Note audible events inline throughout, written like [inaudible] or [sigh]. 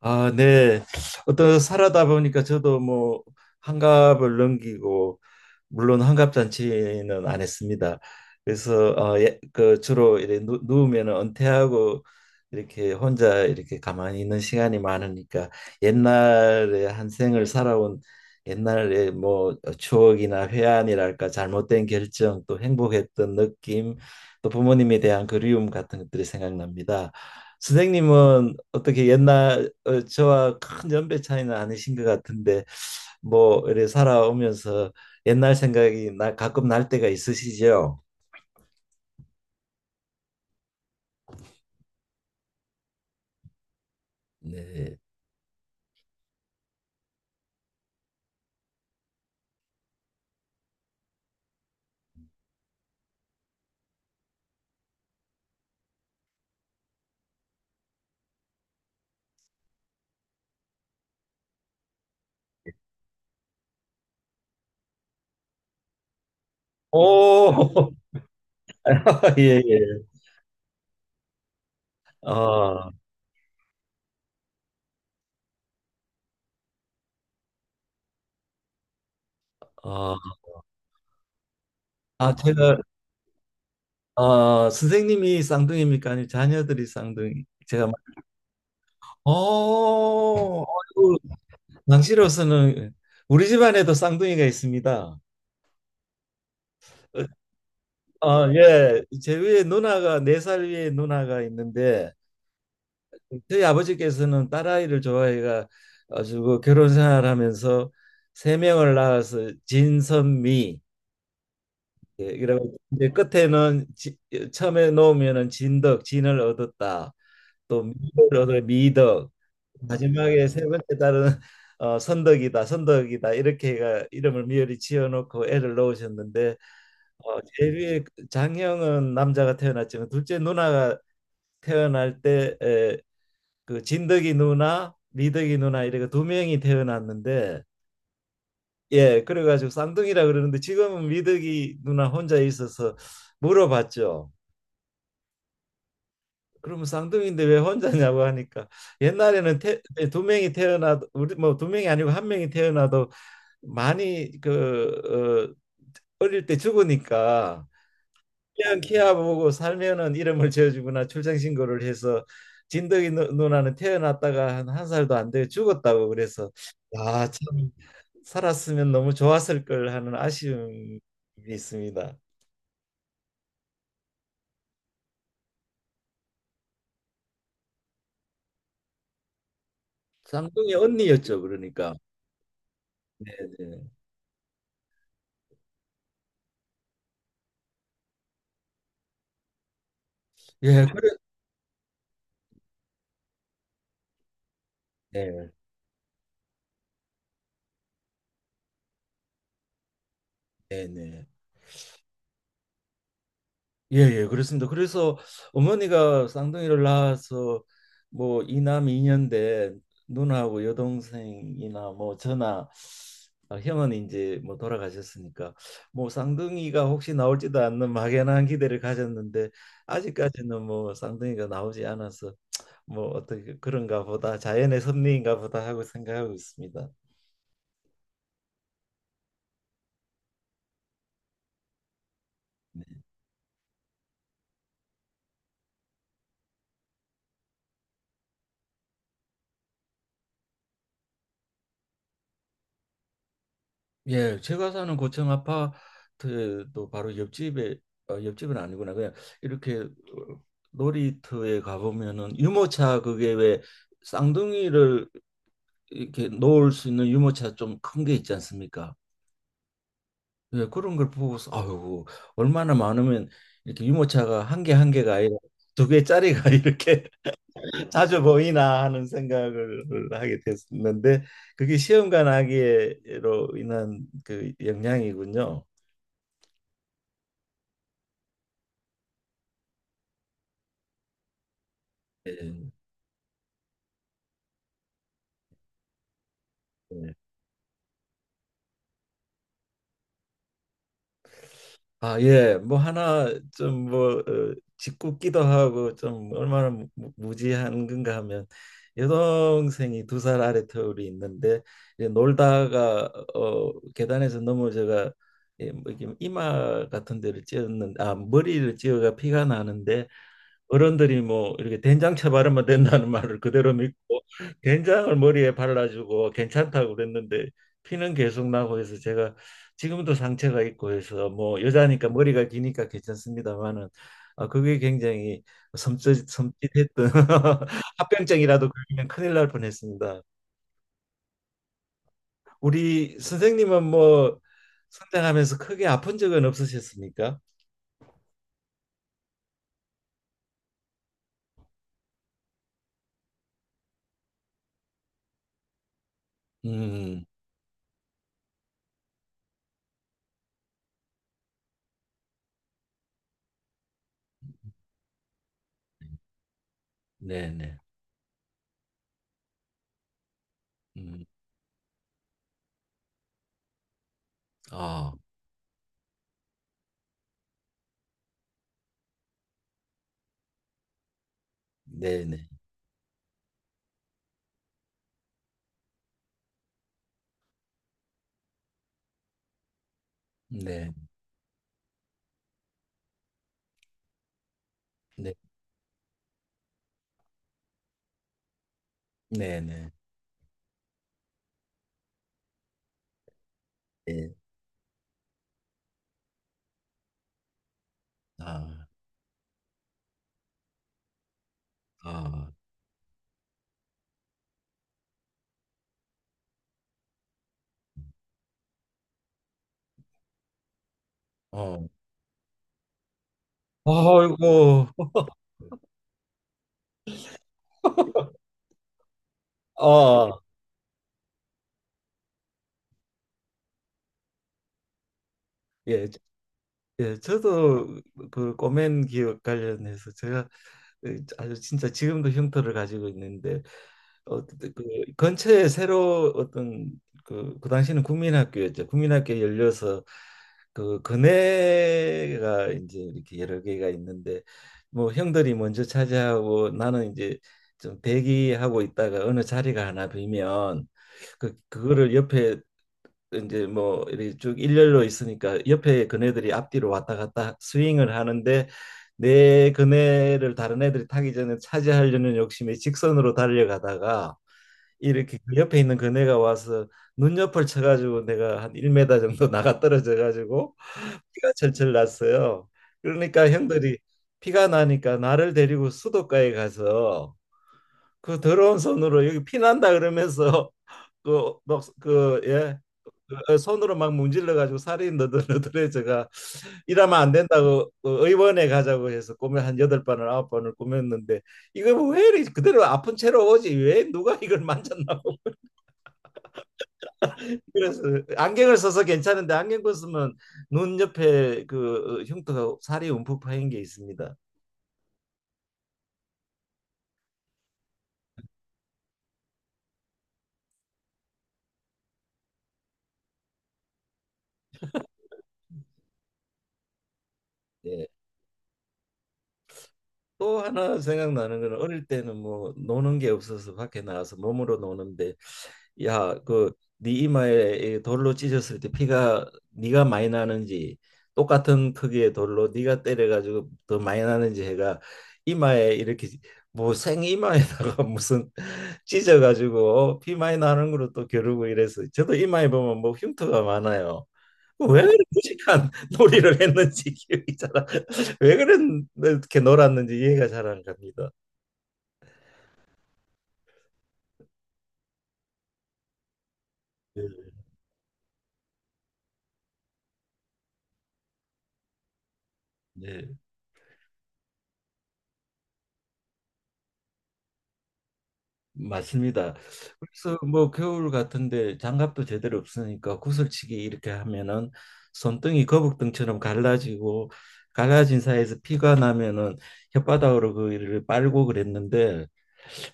아, 네. 어떤 살아다 보니까 저도 뭐 환갑을 넘기고, 물론 환갑 잔치는 안 했습니다. 그래서 그 주로 이렇게 누우면 은퇴하고 이렇게 혼자 이렇게 가만히 있는 시간이 많으니까 옛날에 한 생을 살아온 옛날에 뭐 추억이나 회한이랄까, 잘못된 결정, 또 행복했던 느낌, 또 부모님에 대한 그리움 같은 것들이 생각납니다. 선생님은 어떻게 옛날 저와 큰 연배 차이는 아니신 것 같은데, 뭐 이래 살아오면서 옛날 생각이 나, 가끔 날 때가 있으시죠? 네. 오, [laughs] 예, 예. 어, 어, 아, 제가 선생님이 쌍둥이입니까? 아니면 자녀들이 쌍둥이? 제가 막, 아이고, 당시로서는 우리 집안에도 쌍둥이가 있습니다. 어, 예. 제 위에 누나가, 네 살 위에 누나가 있는데, 저희 아버지께서는 딸아이를 좋아해가 가지고, 결혼 생활하면서 세 명을 낳아서 진선미, 예, 이라고, 이제 끝에는 지, 처음에 놓으면은 진덕, 진을 얻었다. 또 미를 얻어 미덕. 마지막에 세 번째 딸은 [laughs] 선덕이다, 선덕이다 이렇게 해가 이름을 미열이 지어 놓고 애를 놓으셨는데, 제비의 장형은 남자가 태어났지만, 둘째 누나가 태어날 때 그 진덕이 누나, 미덕이 누나 이렇게 두 명이 태어났는데, 예, 그래가지고 쌍둥이라 그러는데, 지금은 미덕이 누나 혼자 있어서 물어봤죠. 그러면 쌍둥이인데 왜 혼자냐고 하니까, 옛날에는 두 명이 태어나도, 우리 뭐 두 명이 아니고 한 명이 태어나도 많이 그 어릴 때 죽으니까, 그냥 키아 보고 살면은 이름을 지어주거나 출생신고를 해서, 누나는 태어났다가 한 살도 안 돼 죽었다고 그래서, 야, 참, 살았으면 너무 좋았을 걸 하는 아쉬움이 있습니다. 쌍둥이 언니였죠, 그러니까. 네, 네. 예, 그래. 네, 네, 네. 예, 예, 그렇습니다. 그래서 어머니가 쌍둥이를 낳아서, 뭐 이남 이년대 누나하고 여동생이나 뭐 저나, 아, 형은 이제 뭐 돌아가셨으니까, 뭐 쌍둥이가 혹시 나올지도 않는 막연한 기대를 가졌는데, 아직까지는 뭐 쌍둥이가 나오지 않아서 뭐 어떻게 그런가 보다, 자연의 섭리인가 보다 하고 생각하고 있습니다. 예, 제가 사는 고층 아파트도 바로 옆집에 옆집은 아니구나. 그냥 이렇게 놀이터에 가보면은 유모차, 그게 왜 쌍둥이를 이렇게 놓을 수 있는 유모차, 좀 큰 게 있지 않습니까? 예, 그런 걸 보고서 아유, 얼마나 많으면 이렇게 유모차가 한 개 한 개가 아니라 두 개짜리가 [laughs] 이렇게 자주 보이나 하는 생각을 하게 됐었는데, 그게 시험관 아기로 인한 그 영향이군요. 예. 네. 아, 예. 뭐 하나 좀뭐 짓궂기도 하고 좀, 얼마나 무지한 건가 하면, 여동생이 두 살 아래 터울이 있는데, 이제 놀다가 계단에서 넘어져가, 예, 뭐 이렇게 이마 같은 데를 찧었는데, 아, 머리를 찧어가 피가 나는데, 어른들이 뭐 이렇게 된장채 바르면 된다는 [laughs] 말을 그대로 믿고 된장을 머리에 발라주고 괜찮다고 그랬는데, 피는 계속 나고 해서 제가 지금도 상처가 있고 해서, 뭐 여자니까 머리가 기니까 괜찮습니다만은, 아 그게 굉장히 섬찟 섬찟했던 [laughs] 합병증이라도 걸리면 큰일 날 뻔했습니다. 우리 선생님은 뭐 성장하면서 크게 아픈 적은 없으셨습니까? 음, 네네. 음, 아, 네네. 네. 네. 네. 네네. 예. 아, 아, 어. 아이고. [laughs] 아, 예, 예, 저도 그 꼬맨 기업 관련해서 제가, 예, 아주 진짜 지금도 흉터를 가지고 있는데, 그 근처에 새로 어떤, 그, 그 당시는 국민학교였죠. 국민학교 열려서, 그 근혜가 이제 이렇게 여러 개가 있는데, 뭐 형들이 먼저 차지하고, 나는 이제 좀 대기하고 있다가 어느 자리가 하나 비면 그, 그거를 옆에 이제 뭐 이렇게 쭉 일렬로 있으니까, 옆에 그네들이 앞뒤로 왔다 갔다 스윙을 하는데, 내 그네를 다른 애들이 타기 전에 차지하려는 욕심에 직선으로 달려가다가 이렇게 그 옆에 있는 그네가 와서 눈옆을 쳐가지고 내가 한 1m 정도 [laughs] 나가 떨어져가지고 피가 철철 났어요. 그러니까 형들이 피가 나니까 나를 데리고 수도가에 가서 그 더러운 손으로 여기 피난다 그러면서 [laughs] 그 막 그 예. 그 손으로 막 문질러 가지고 살이 너덜너덜해져가, 이러면 안 된다고 그 의원에 가자고 해서 꿈에 한 여덟 번을 아홉 번을 꾸몄는데, 이거 뭐 왜 이리 그대로 아픈 채로 오지, 왜 누가 이걸 만졌나고 [laughs] 그래서, 안경을 써서 괜찮은데 안경 벗으면 눈 옆에 그 흉터가 살이 움푹 파인 게 있습니다. 예. 또 하나 생각나는 거는, 어릴 때는 뭐 노는 게 없어서 밖에 나가서 몸으로 노는데, 야, 그 네 이마에 이 돌로 찢었을 때 피가 네가 많이 나는지, 똑같은 크기의 돌로 네가 때려가지고 더 많이 나는지 해가, 이마에 이렇게 뭐 생이마에다가 [laughs] 무슨 찢어가지고, 어, 피 많이 나는 거로 또 겨루고 이래서, 저도 이마에 보면 뭐 흉터가 많아요. 왜 이렇게 무식한 [laughs] 놀이를 했는지 기억이 잘 안-, 왜 그렇게 놀았는지 이해가 잘 안 갑니다. 예, 예, 맞습니다. 그래서 뭐 겨울 같은데 장갑도 제대로 없으니까 구슬치기 이렇게 하면은 손등이 거북등처럼 갈라지고, 갈라진 사이에서 피가 나면은 혓바닥으로 그를 빨고 그랬는데,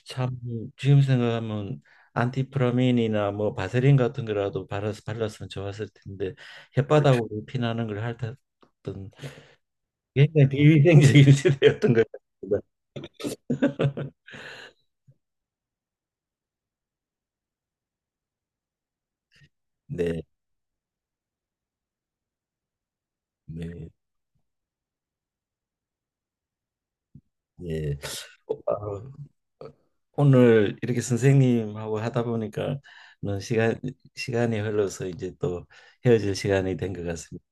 참 지금 생각하면 안티프라민이나 뭐 바세린 같은 거라도 발라서 발랐으면 좋았을 텐데, 혓바닥으로 피나는 걸 핥았던, 굉장히 비위생적인 [laughs] 시대였던 것 같습니다. 네, 네, 예. 아, 오늘 이렇게 선생님하고 하다 보니까는 시간 시간이 흘러서 이제 또 헤어질 시간이 된 것 같습니다.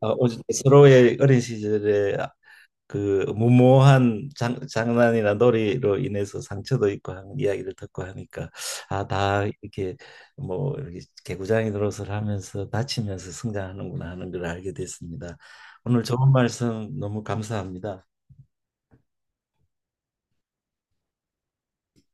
아, 오- 서로의 어린 시절에 그 무모한 장난이나 놀이로 인해서 상처도 있고 하는 이야기를 듣고 하니까, 아, 다 이렇게 뭐 이렇게 개구장이 노릇을 하면서 다치면서 성장하는구나 하는 걸 알게 됐습니다. 오늘 좋은 말씀 너무 감사합니다.